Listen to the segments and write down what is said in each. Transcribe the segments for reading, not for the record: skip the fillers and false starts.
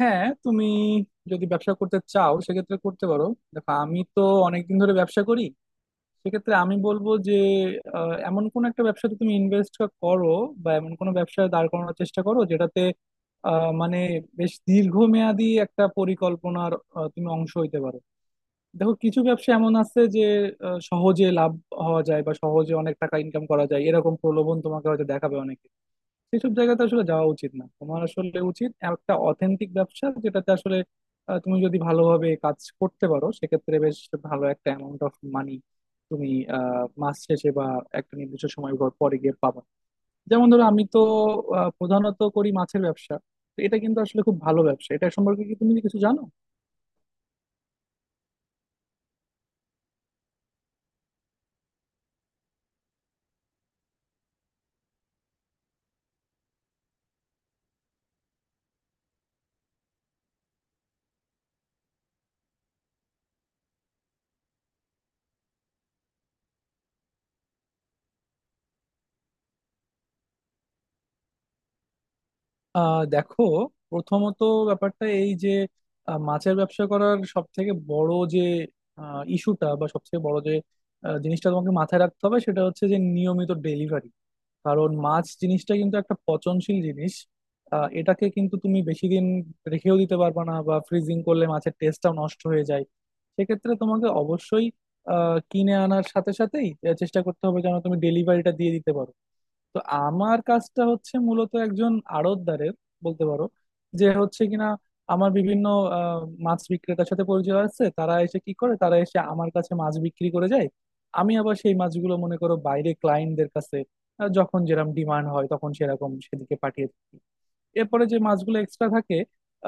হ্যাঁ, তুমি যদি ব্যবসা করতে চাও সেক্ষেত্রে করতে পারো। দেখো, আমি তো অনেকদিন ধরে ব্যবসা করি। সেক্ষেত্রে আমি বলবো যে এমন কোন একটা ব্যবসাতে তুমি ইনভেস্ট করো, বা এমন কোনো ব্যবসায় দাঁড় করানোর চেষ্টা করো যেটাতে আহ, মানে বেশ দীর্ঘমেয়াদী একটা পরিকল্পনার তুমি অংশ হইতে পারো। দেখো, কিছু ব্যবসা এমন আছে যে সহজে লাভ হওয়া যায় বা সহজে অনেক টাকা ইনকাম করা যায়, এরকম প্রলোভন তোমাকে হয়তো দেখাবে অনেকে। সেসব জায়গাতে আসলে যাওয়া উচিত না, তোমার আসলে উচিত একটা অথেন্টিক ব্যবসা যেটাতে আসলে তুমি যদি ভালোভাবে কাজ করতে পারো সেক্ষেত্রে বেশ ভালো একটা অ্যামাউন্ট অফ মানি তুমি মাস শেষে বা একটা নির্দিষ্ট সময় পর পরে গিয়ে পাবা। যেমন ধরো, আমি তো প্রধানত করি মাছের ব্যবসা। তো এটা কিন্তু আসলে খুব ভালো ব্যবসা। এটা সম্পর্কে কি তুমি কিছু জানো? দেখো, প্রথমত ব্যাপারটা এই যে মাছের ব্যবসা করার সব থেকে বড় যে ইস্যুটা বা সব থেকে বড় যে জিনিসটা তোমাকে মাথায় রাখতে হবে সেটা হচ্ছে যে নিয়মিত ডেলিভারি। কারণ মাছ জিনিসটা কিন্তু একটা পচনশীল জিনিস। এটাকে কিন্তু তুমি বেশি দিন রেখেও দিতে পারবে না, বা ফ্রিজিং করলে মাছের টেস্টটাও নষ্ট হয়ে যায়। সেক্ষেত্রে তোমাকে অবশ্যই কিনে আনার সাথে সাথেই চেষ্টা করতে হবে যেন তুমি ডেলিভারিটা দিয়ে দিতে পারো। তো আমার কাজটা হচ্ছে মূলত একজন আড়তদারের, বলতে পারো, যে হচ্ছে কিনা আমার বিভিন্ন আহ, মাছ বিক্রেতার সাথে পরিচয় আছে। তারা এসে কি করে, তারা এসে আমার কাছে মাছ বিক্রি করে যায়। আমি আবার সেই মাছগুলো মনে করো বাইরে ক্লায়েন্টদের কাছে যখন যেরকম ডিমান্ড হয় তখন সেরকম সেদিকে পাঠিয়ে থাকি। এরপরে যে মাছগুলো এক্সট্রা থাকে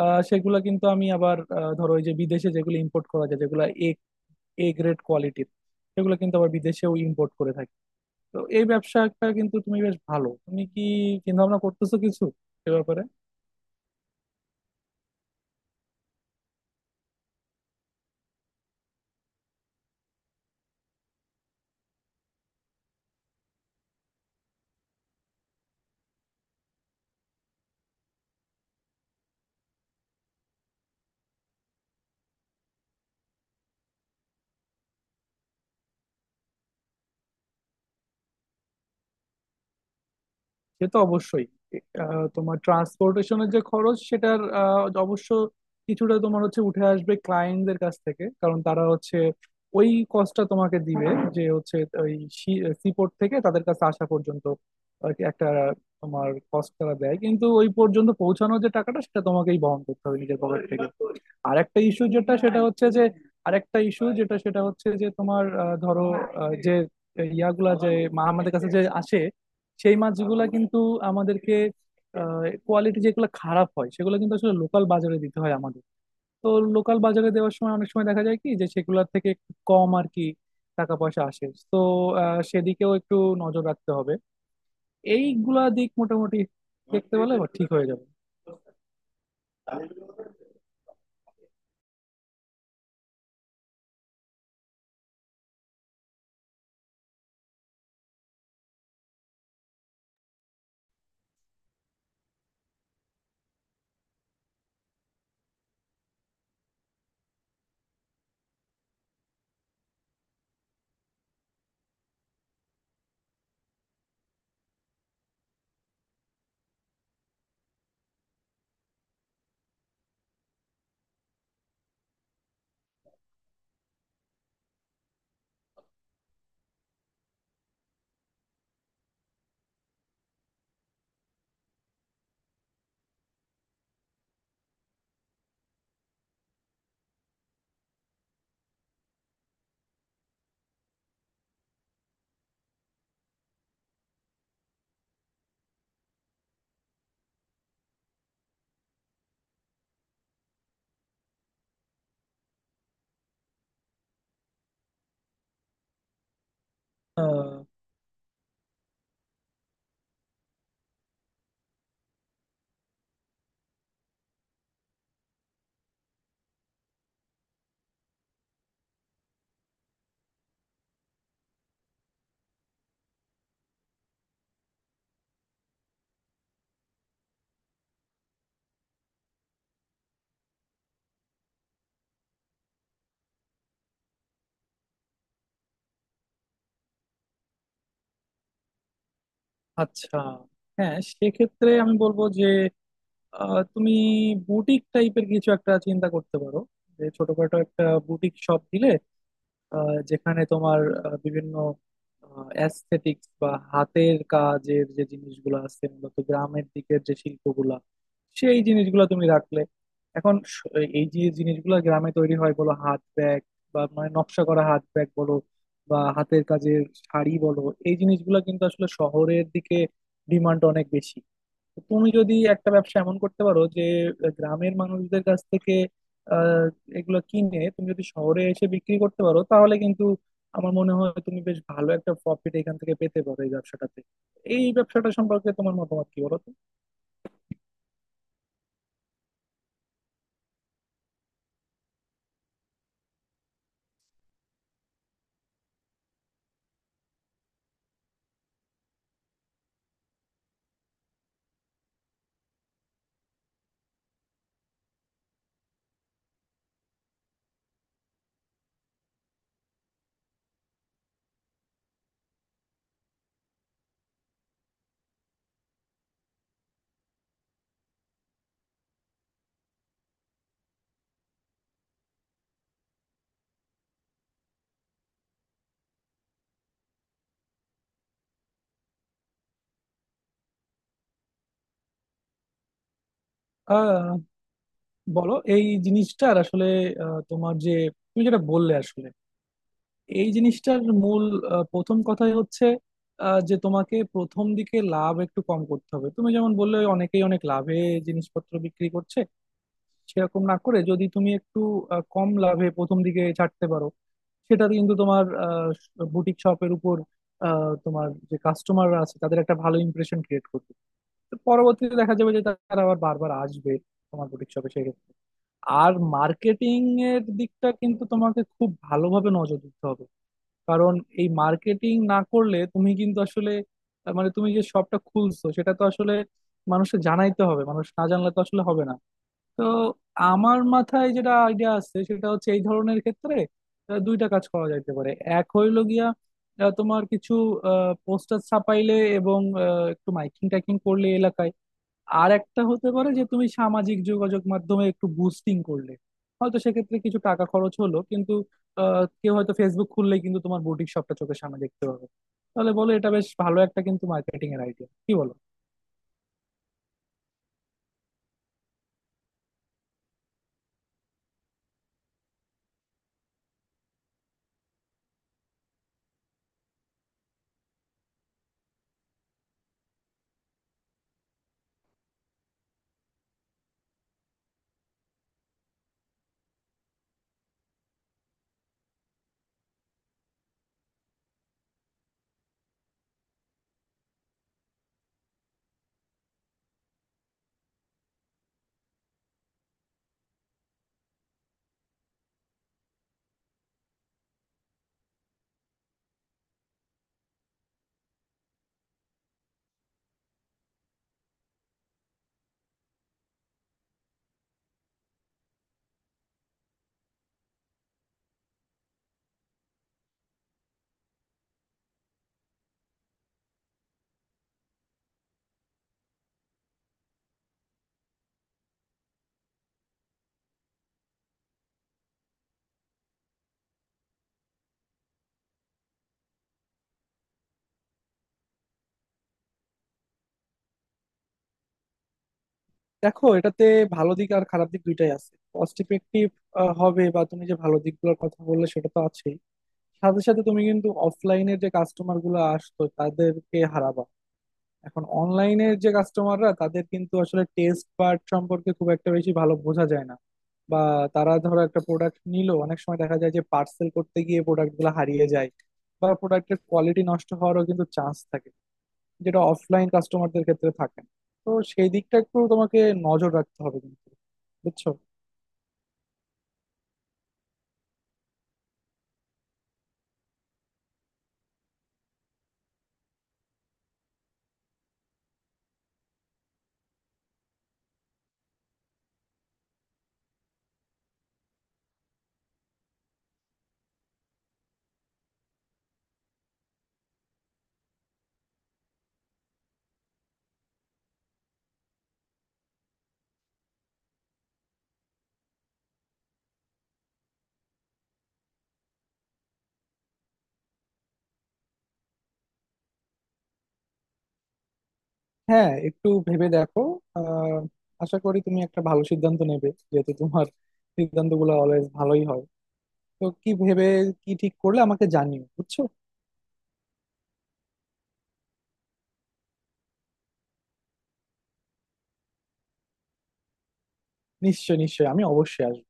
সেগুলো কিন্তু আমি আবার ধরো ওই যে বিদেশে যেগুলো ইম্পোর্ট করা যায়, যেগুলো এ এ গ্রেড কোয়ালিটির, সেগুলো কিন্তু আবার বিদেশেও ইম্পোর্ট করে থাকি। তো এই ব্যবসাটা কিন্তু তুমি বেশ ভালো। তুমি কি চিন্তা ভাবনা করতেছো কিছু এ ব্যাপারে? সে তো অবশ্যই। তোমার ট্রান্সপোর্টেশনের যে খরচ সেটার অবশ্য কিছুটা তোমার হচ্ছে উঠে আসবে ক্লায়েন্টদের কাছ থেকে, কারণ তারা হচ্ছে ওই কস্টটা তোমাকে দিবে, যে হচ্ছে ওই সিপোর্ট থেকে তাদের কাছে আসা পর্যন্ত। আর কি, একটা তোমার কস্ট তারা দেয় কিন্তু ওই পর্যন্ত পৌঁছানোর যে টাকাটা সেটা তোমাকেই বহন করতে হবে নিজের পকেট থেকে। আর একটা ইস্যু যেটা সেটা হচ্ছে যে আরেকটা ইস্যু যেটা সেটা হচ্ছে যে তোমার ধরো আহ, যে ইয়াগুলা যে মা- আমাদের কাছে যে আসে সেই মাছগুলা কিন্তু আমাদেরকে, কোয়ালিটি যেগুলো খারাপ হয় সেগুলো কিন্তু আসলে লোকাল বাজারে দিতে হয় আমাদের। তো লোকাল বাজারে দেওয়ার সময় অনেক সময় দেখা যায় কি যে সেগুলোর থেকে একটু কম আর কি টাকা পয়সা আসে। তো সেদিকেও একটু নজর রাখতে হবে। এইগুলা দিক মোটামুটি দেখতে পেলে আবার ঠিক হয়ে যাবে। আহ, আচ্ছা, হ্যাঁ, সেক্ষেত্রে আমি বলবো যে তুমি বুটিক টাইপের কিছু একটা চিন্তা করতে পারো। যে ছোটখাটো একটা বুটিক শপ দিলে যেখানে তোমার বিভিন্ন অ্যাস্থেটিক্স বা হাতের কাজের যে জিনিসগুলো আছে, মূলত গ্রামের দিকের যে শিল্পগুলা, সেই জিনিসগুলো তুমি রাখলে। এখন স- এই যে জিনিসগুলো গ্রামে তৈরি হয়, বলো হাত ব্যাগ, বা মানে নকশা করা হাত ব্যাগ বলো, বা হাতের কাজের শাড়ি বলো, এই জিনিসগুলো কিন্তু আসলে শহরের দিকে ডিমান্ড অনেক বেশি। তো তুমি যদি একটা ব্যবসা এমন করতে পারো যে গ্রামের মানুষদের কাছ থেকে আহ, এগুলো কিনে তুমি যদি শহরে এসে বিক্রি করতে পারো, তাহলে কিন্তু আমার মনে হয় তুমি বেশ ভালো একটা প্রফিট এখান থেকে পেতে পারো এই ব্যবসাটাতে। এই ব্যবসাটা সম্পর্কে তোমার মতামত কি, বলো তো? আহ বলো, এই জিনিসটার আসলে আহ, তোমার যে তুমি যেটা বললে আসলে, এই জিনিসটার মূল প্রথম কথাই হচ্ছে যে তোমাকে প্রথম দিকে লাভ একটু কম করতে হবে। তুমি যেমন বললে অনেকেই অনেক লাভে জিনিসপত্র বিক্রি করছে, সেরকম না করে যদি তুমি একটু কম লাভে প্রথম দিকে ছাড়তে পারো, সেটাতে কিন্তু তোমার বুটিক শপের উপর তোমার যে কাস্টমাররা আছে তাদের একটা ভালো ইমপ্রেশন ক্রিয়েট করবে। তো পরবর্তীতে দেখা যাবে যে তারা আবার বারবার আসবে তোমার বুটিক শপে সেক্ষেত্রে। আর মার্কেটিং এর দিকটা কিন্তু তোমাকে খুব ভালোভাবে নজর দিতে হবে, কারণ এই মার্কেটিং না করলে তুমি কিন্তু আসলে আহ, মানে তুমি যে শপটা খুলছো সেটা তো আসলে মানুষকে জানাইতে হবে, মানুষ না জানলে তো আসলে হবে না। তো আমার মাথায় যেটা আইডিয়া আছে সেটা হচ্ছে এই ধরনের ক্ষেত্রে দুইটা কাজ করা যাইতে পারে। এক হইলো গিয়া তোমার কিছু পোস্টার ছাপাইলে এবং একটু মাইকিং টাইকিং করলে এলাকায়। আর একটা হতে পারে যে তুমি সামাজিক যোগাযোগ মাধ্যমে একটু বুস্টিং করলে, হয়তো সেক্ষেত্রে কিছু টাকা খরচ হলো, কিন্তু কেউ হয়তো ফেসবুক খুললেই কিন্তু তোমার বুটিক শপটা চোখের সামনে দেখতে পাবে। তাহলে বলো, এটা বেশ ভালো একটা কিন্তু মার্কেটিং এর আইডিয়া, কি বলো? দেখো, এটাতে ভালো দিক আর খারাপ দিক দুইটাই আছে। কস্ট ইফেক্টিভ হবে বা তুমি যে ভালো দিকগুলোর কথা বললে সেটা তো আছেই, সাথে সাথে তুমি কিন্তু অফলাইনে যে কাস্টমার গুলো আসতো তাদেরকে হারাবা। এখন অনলাইনে যে কাস্টমাররা, তাদের কিন্তু আসলে টেস্ট পার্ট সম্পর্কে খুব একটা বেশি ভালো বোঝা যায় না। বা তারা ধরো একটা প্রোডাক্ট নিল, অনেক সময় দেখা যায় যে পার্সেল করতে গিয়ে প্রোডাক্ট গুলো হারিয়ে যায়, বা প্রোডাক্টের কোয়ালিটি নষ্ট হওয়ারও কিন্তু চান্স থাকে, যেটা অফলাইন কাস্টমারদের ক্ষেত্রে থাকে না। তো সেই দিকটা একটু তোমাকে নজর রাখতে হবে কিন্তু, বুঝছো? হ্যাঁ, একটু ভেবে দেখো। আহ আশা করি তুমি একটা ভালো সিদ্ধান্ত নেবে, যেহেতু তোমার সিদ্ধান্তগুলো অলওয়েজ ভালোই হয়। তো কি ভেবে কি ঠিক করলে আমাকে জানিও, বুঝছো? নিশ্চয়, নিশ্চয়, আমি অবশ্যই আসবো।